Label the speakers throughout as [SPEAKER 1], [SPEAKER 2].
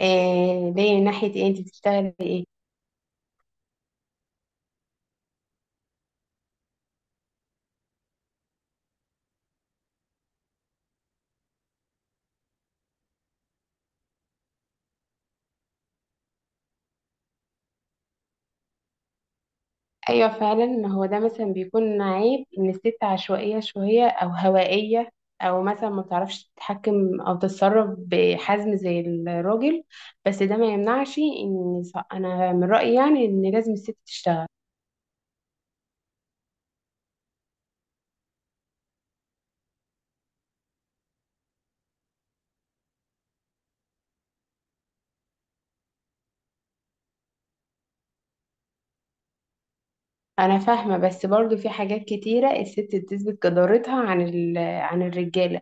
[SPEAKER 1] آه، ليه؟ ناحية ايه؟ انت بتشتغلي ايه؟ ايوه فعلا، هو ده مثلا بيكون عيب ان الست عشوائية شوية او هوائية، او مثلا ما بتعرفش تتحكم او تتصرف بحزم زي الراجل. بس ده ما يمنعش ان انا من رأيي يعني ان لازم الست تشتغل. انا فاهمة، بس برضو في حاجات كتيرة الست بتثبت جدارتها عن عن الرجالة.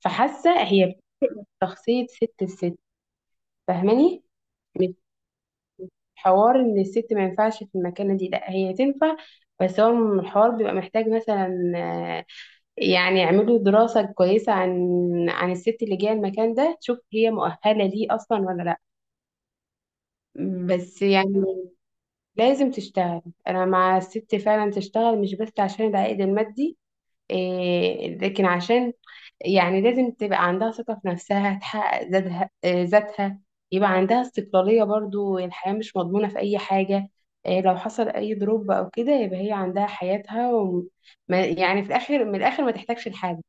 [SPEAKER 1] فحاسة هي شخصية ست الست، فاهماني؟ حوار ان الست ما ينفعش في المكانه دي، لا هي تنفع. بس هو الحوار بيبقى محتاج مثلا يعني يعملوا دراسه كويسه عن عن الست اللي جايه المكان ده، تشوف هي مؤهله ليه اصلا ولا لا. بس يعني لازم تشتغل. انا مع الست فعلا تشتغل، مش بس عشان العائد المادي، إيه، لكن عشان يعني لازم تبقى عندها ثقة في نفسها، تحقق ذاتها ذاتها. يبقى عندها استقلالية برضو، الحياة مش مضمونة في أي حاجة. آه، لو حصل أي دروب أو كده يبقى هي عندها حياتها، وما يعني في الآخر، من الآخر ما تحتاجش لحاجة.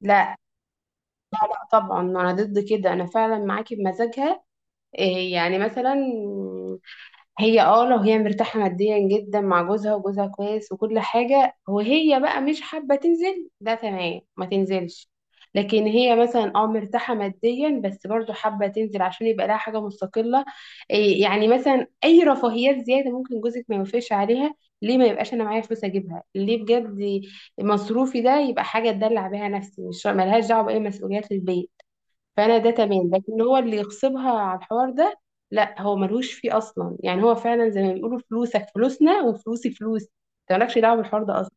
[SPEAKER 1] لا. لا طبعا، أنا ضد كده. أنا فعلا معاكي بمزاجها. آه، يعني مثلا هي اه لو هي مرتاحة ماديا جدا مع جوزها، وجوزها كويس وكل حاجة، وهي بقى مش حابة تنزل، ده تمام ما تنزلش. لكن هي مثلا اه مرتاحة ماديا بس برضو حابة تنزل عشان يبقى لها حاجة مستقلة، إيه يعني مثلا أي رفاهيات زيادة ممكن جوزك ما يوافقش عليها، ليه ما يبقاش أنا معايا فلوس أجيبها ليه بجد؟ مصروفي ده يبقى حاجة أدلع بيها نفسي، مش ملهاش دعوة بأي مسؤوليات البيت. فانا ده تمام، لكن هو اللي يغصبها على الحوار ده لا، هو ملهوش فيه اصلا. يعني هو فعلا زي ما بيقولوا، فلوسك فلوسنا وفلوسي فلوسي، انت مالكش دعوه بالحوار ده اصلا.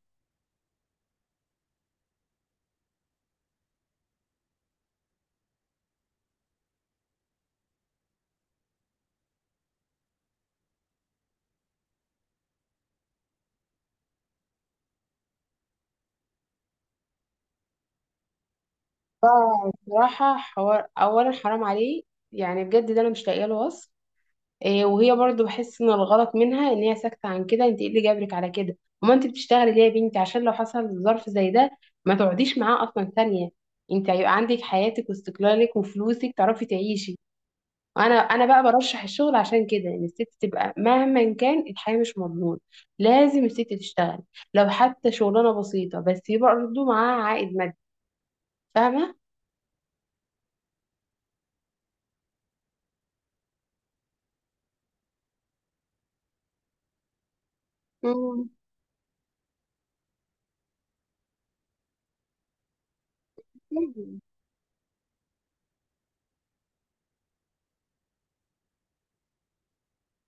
[SPEAKER 1] فبصراحه حوار اولا حرام عليه، يعني بجد ده انا مش لاقيه له وصف. إيه، وهي برضو بحس ان الغلط منها، ان هي ساكته عن كده. انت ايه اللي جابرك على كده؟ وما انت بتشتغلي ليه يا بنتي؟ عشان لو حصل ظرف زي ده ما تقعديش معاه اصلا ثانيه. انت هيبقى عندك حياتك واستقلالك وفلوسك، تعرفي تعيشي. انا بقى برشح الشغل عشان كده، ان الست تبقى مهما كان الحياه مش مضمون، لازم الست تشتغل. لو حتى شغلانه بسيطه، بس يبقى برضه معاها عائد مادي، فاهمه؟ مم.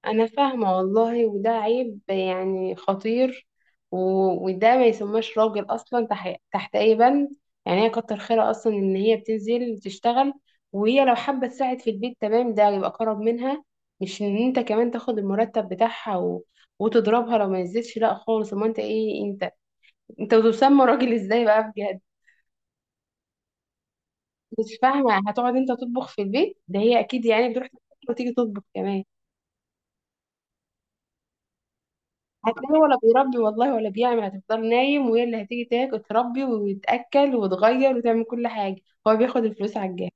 [SPEAKER 1] انا فاهمة والله، وده عيب يعني خطير. وده ما يسماش راجل اصلا تحت اي بند. يعني هي كتر خيرها اصلا ان هي بتنزل تشتغل، وهي لو حابة تساعد في البيت تمام، ده يبقى كرم منها. مش ان انت كمان تاخد المرتب بتاعها وتضربها لو ما نزلتش، لا خالص. امال انت ايه؟ انت انت تسمى راجل ازاي بقى بجد؟ مش فاهمة، هتقعد انت تطبخ في البيت؟ ده هي اكيد يعني بتروح تطبخ وتيجي تطبخ كمان. هتلاقي ولا بيربي والله ولا بيعمل، هتفضل نايم وهي اللي هتيجي تاكل تربي وتأكل وتغير وتعمل كل حاجة، هو بياخد الفلوس على الجاهز.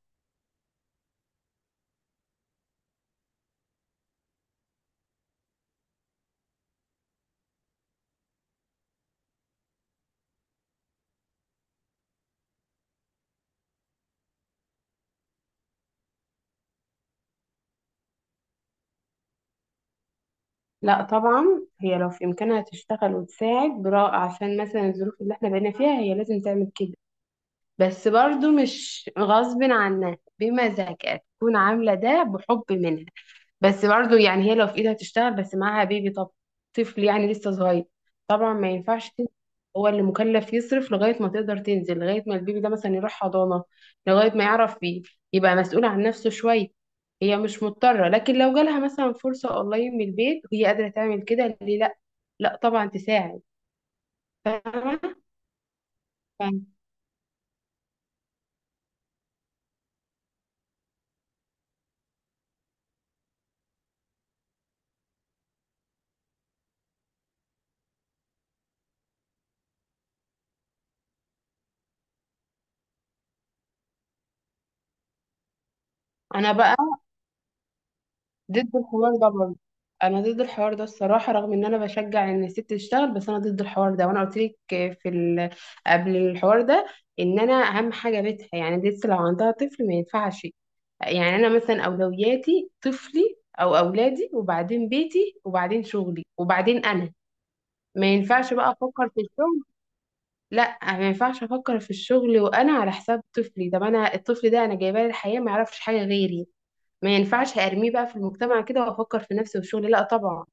[SPEAKER 1] لا طبعا. هي لو في إمكانها تشتغل وتساعد برا عشان مثلا الظروف اللي احنا بقينا فيها، هي لازم تعمل كده. بس برضو مش غصب عنها، بمزاجها تكون عاملة ده بحب منها. بس برضه يعني هي لو في ايدها تشتغل، بس معاها بيبي، طب طفل يعني لسه صغير، طبعا ما ينفعش تنزل. هو اللي مكلف يصرف لغاية ما تقدر تنزل، لغاية ما البيبي ده مثلا يروح حضانة، لغاية ما يعرف بيه، يبقى مسؤول عن نفسه شوية. هي مش مضطرة، لكن لو جالها مثلا فرصة اونلاين من البيت وهي قادرة تعمل كده، ليه لا؟ لا طبعا تساعد. فاهمة؟ فاهمة. انا بقى ضد الحوار ده برضه. انا ضد الحوار ده الصراحه، رغم ان انا بشجع ان الست تشتغل، بس انا ضد الحوار ده. وانا قلت لك في قبل الحوار ده ان انا اهم حاجه بيتها، يعني لسه لو عندها طفل ما ينفعش. يعني انا مثلا اولوياتي طفلي او اولادي، وبعدين بيتي، وبعدين شغلي، وبعدين انا. ما ينفعش بقى افكر في الشغل. لا، ما ينفعش افكر في الشغل وانا على حساب طفلي. طب انا الطفل ده انا جايباه للحياه، ما يعرفش حاجه غيري، ما ينفعش ارميه بقى في المجتمع كده وافكر في نفسي والشغل، لا طبعا.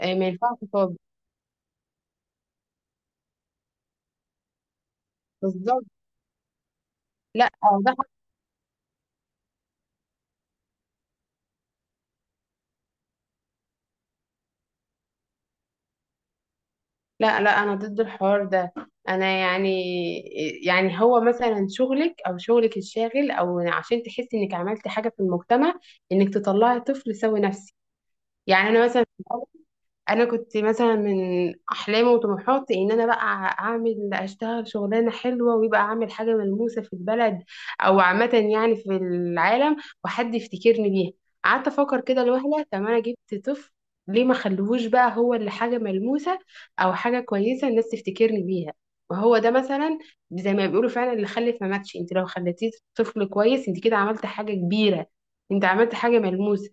[SPEAKER 1] آه، ما ينفعش خالص. بالظبط. لا آه، ده لا انا ضد الحوار ده. انا يعني يعني هو مثلا شغلك او شغلك الشاغل او عشان تحسي انك عملتي حاجه في المجتمع، انك تطلعي طفل سوي نفسي. يعني انا مثلا انا كنت مثلا من احلامي وطموحاتي ان انا بقى اعمل اشتغل شغلانه حلوه، ويبقى اعمل حاجه ملموسه في البلد او عامه يعني في العالم، وحد يفتكرني بيها. قعدت افكر كده لوهله، طب انا جبت طفل، ليه ما خلوهوش بقى هو اللي حاجه ملموسه او حاجه كويسه الناس تفتكرني بيها؟ وهو ده مثلا زي ما بيقولوا فعلا، اللي خلف ما ماتش. انت لو خليتيه طفل كويس انت كده عملت حاجه كبيره، انت عملت حاجه ملموسه.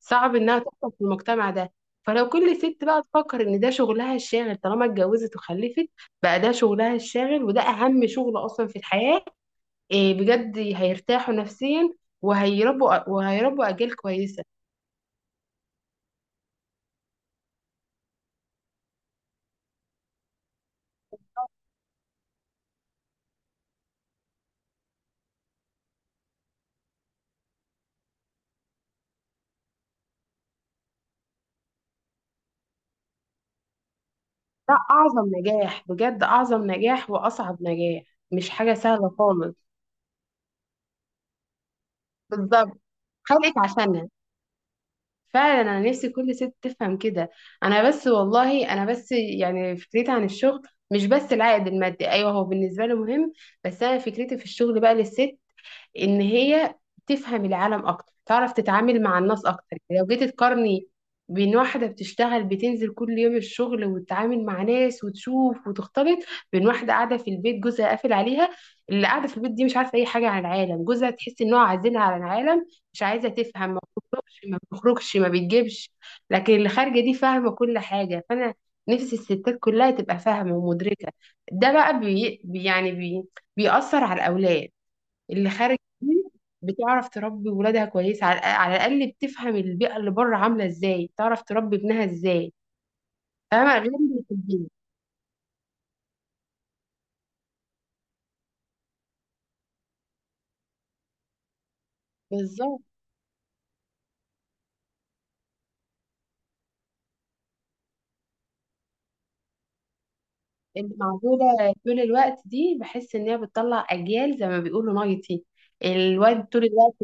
[SPEAKER 1] صعب انها تحصل في المجتمع ده. فلو كل ست بقى تفكر ان ده شغلها الشاغل، طالما اتجوزت وخلفت بقى ده شغلها الشاغل، وده اهم شغل اصلا في الحياة، إيه بجد، هيرتاحوا نفسيا وهيربوا، وهيربوا اجيال كويسة. ده اعظم نجاح بجد، اعظم نجاح واصعب نجاح. مش حاجة سهلة خالص. بالظبط، خلقت عشانها. فعلا انا نفسي كل ست تفهم كده. انا بس والله، انا بس يعني فكرتي عن الشغل مش بس العائد المادي، ايوه هو بالنسبه لي مهم، بس انا فكرتي في الشغل بقى للست ان هي تفهم العالم اكتر، تعرف تتعامل مع الناس اكتر. يعني لو جيت تقارني بين واحدة بتشتغل بتنزل كل يوم الشغل وتتعامل مع ناس وتشوف وتختلط، بين واحدة قاعدة في البيت جوزها قافل عليها، اللي قاعدة في البيت دي مش عارفة أي حاجة عن العالم، جوزها تحس إن هو عازلها عن العالم، مش عايزة تفهم، ما بتخرجش ما بتخرجش ما بتجيبش. لكن اللي خارجة دي فاهمة كل حاجة. فأنا نفسي الستات كلها تبقى فاهمة ومدركة. ده بقى بي بيأثر على الأولاد. اللي خارج دي بتعرف تربي ولادها كويس، على على الاقل بتفهم البيئه اللي بره عامله ازاي، تعرف تربي ابنها ازاي، فاهمه؟ غير اللي في البيت. بالظبط. اللي موجوده طول الوقت دي بحس ان هي بتطلع اجيال زي ما بيقولوا نايتي، الواد طول الوقت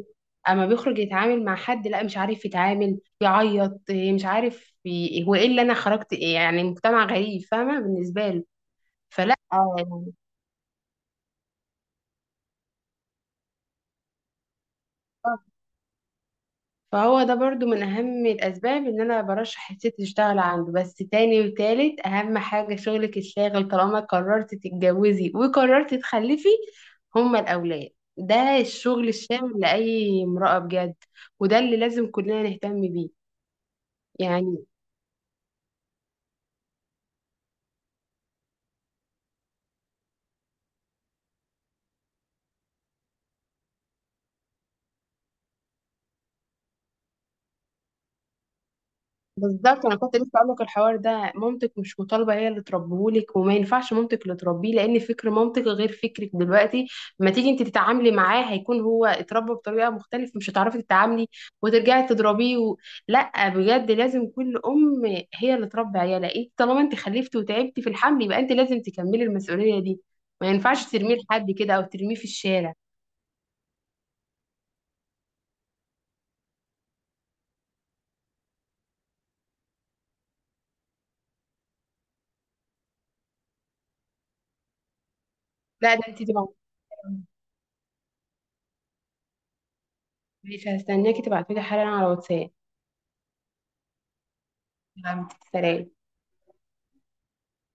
[SPEAKER 1] اما بيخرج يتعامل مع حد لا مش عارف يتعامل، يعيط، إيه مش عارف هو ايه اللي انا خرجت إيه؟ يعني مجتمع غريب فاهمه بالنسبه له. فلا آه، فهو ده برضو من أهم الأسباب إن أنا برشح الست تشتغل عنده. بس تاني وتالت أهم حاجة شغلك الشاغل طالما قررت تتجوزي وقررت تخلفي، هما الأولاد. ده الشغل الشاغل لأي امرأة بجد، وده اللي لازم كلنا نهتم بيه. يعني بالظبط، انا كنت لسه اقول لك الحوار ده، مامتك مش مطالبه هي اللي تربيهولك، وما ينفعش مامتك اللي تربيه، لان فكر مامتك غير فكرك دلوقتي. لما تيجي انت تتعاملي معاه هيكون هو اتربى بطريقه مختلفه، مش هتعرفي تتعاملي وترجعي تضربيه لا بجد، لازم كل ام هي اللي تربي عيالها. انت طالما انت خلفتي وتعبتي في الحمل، يبقى انت لازم تكملي المسؤوليه دي. ما ينفعش ترميه لحد كده او ترميه في الشارع. لا، ده انت تبقى ماشي. هستناكي تبعتولي حالا على واتساب. تمام، سلام.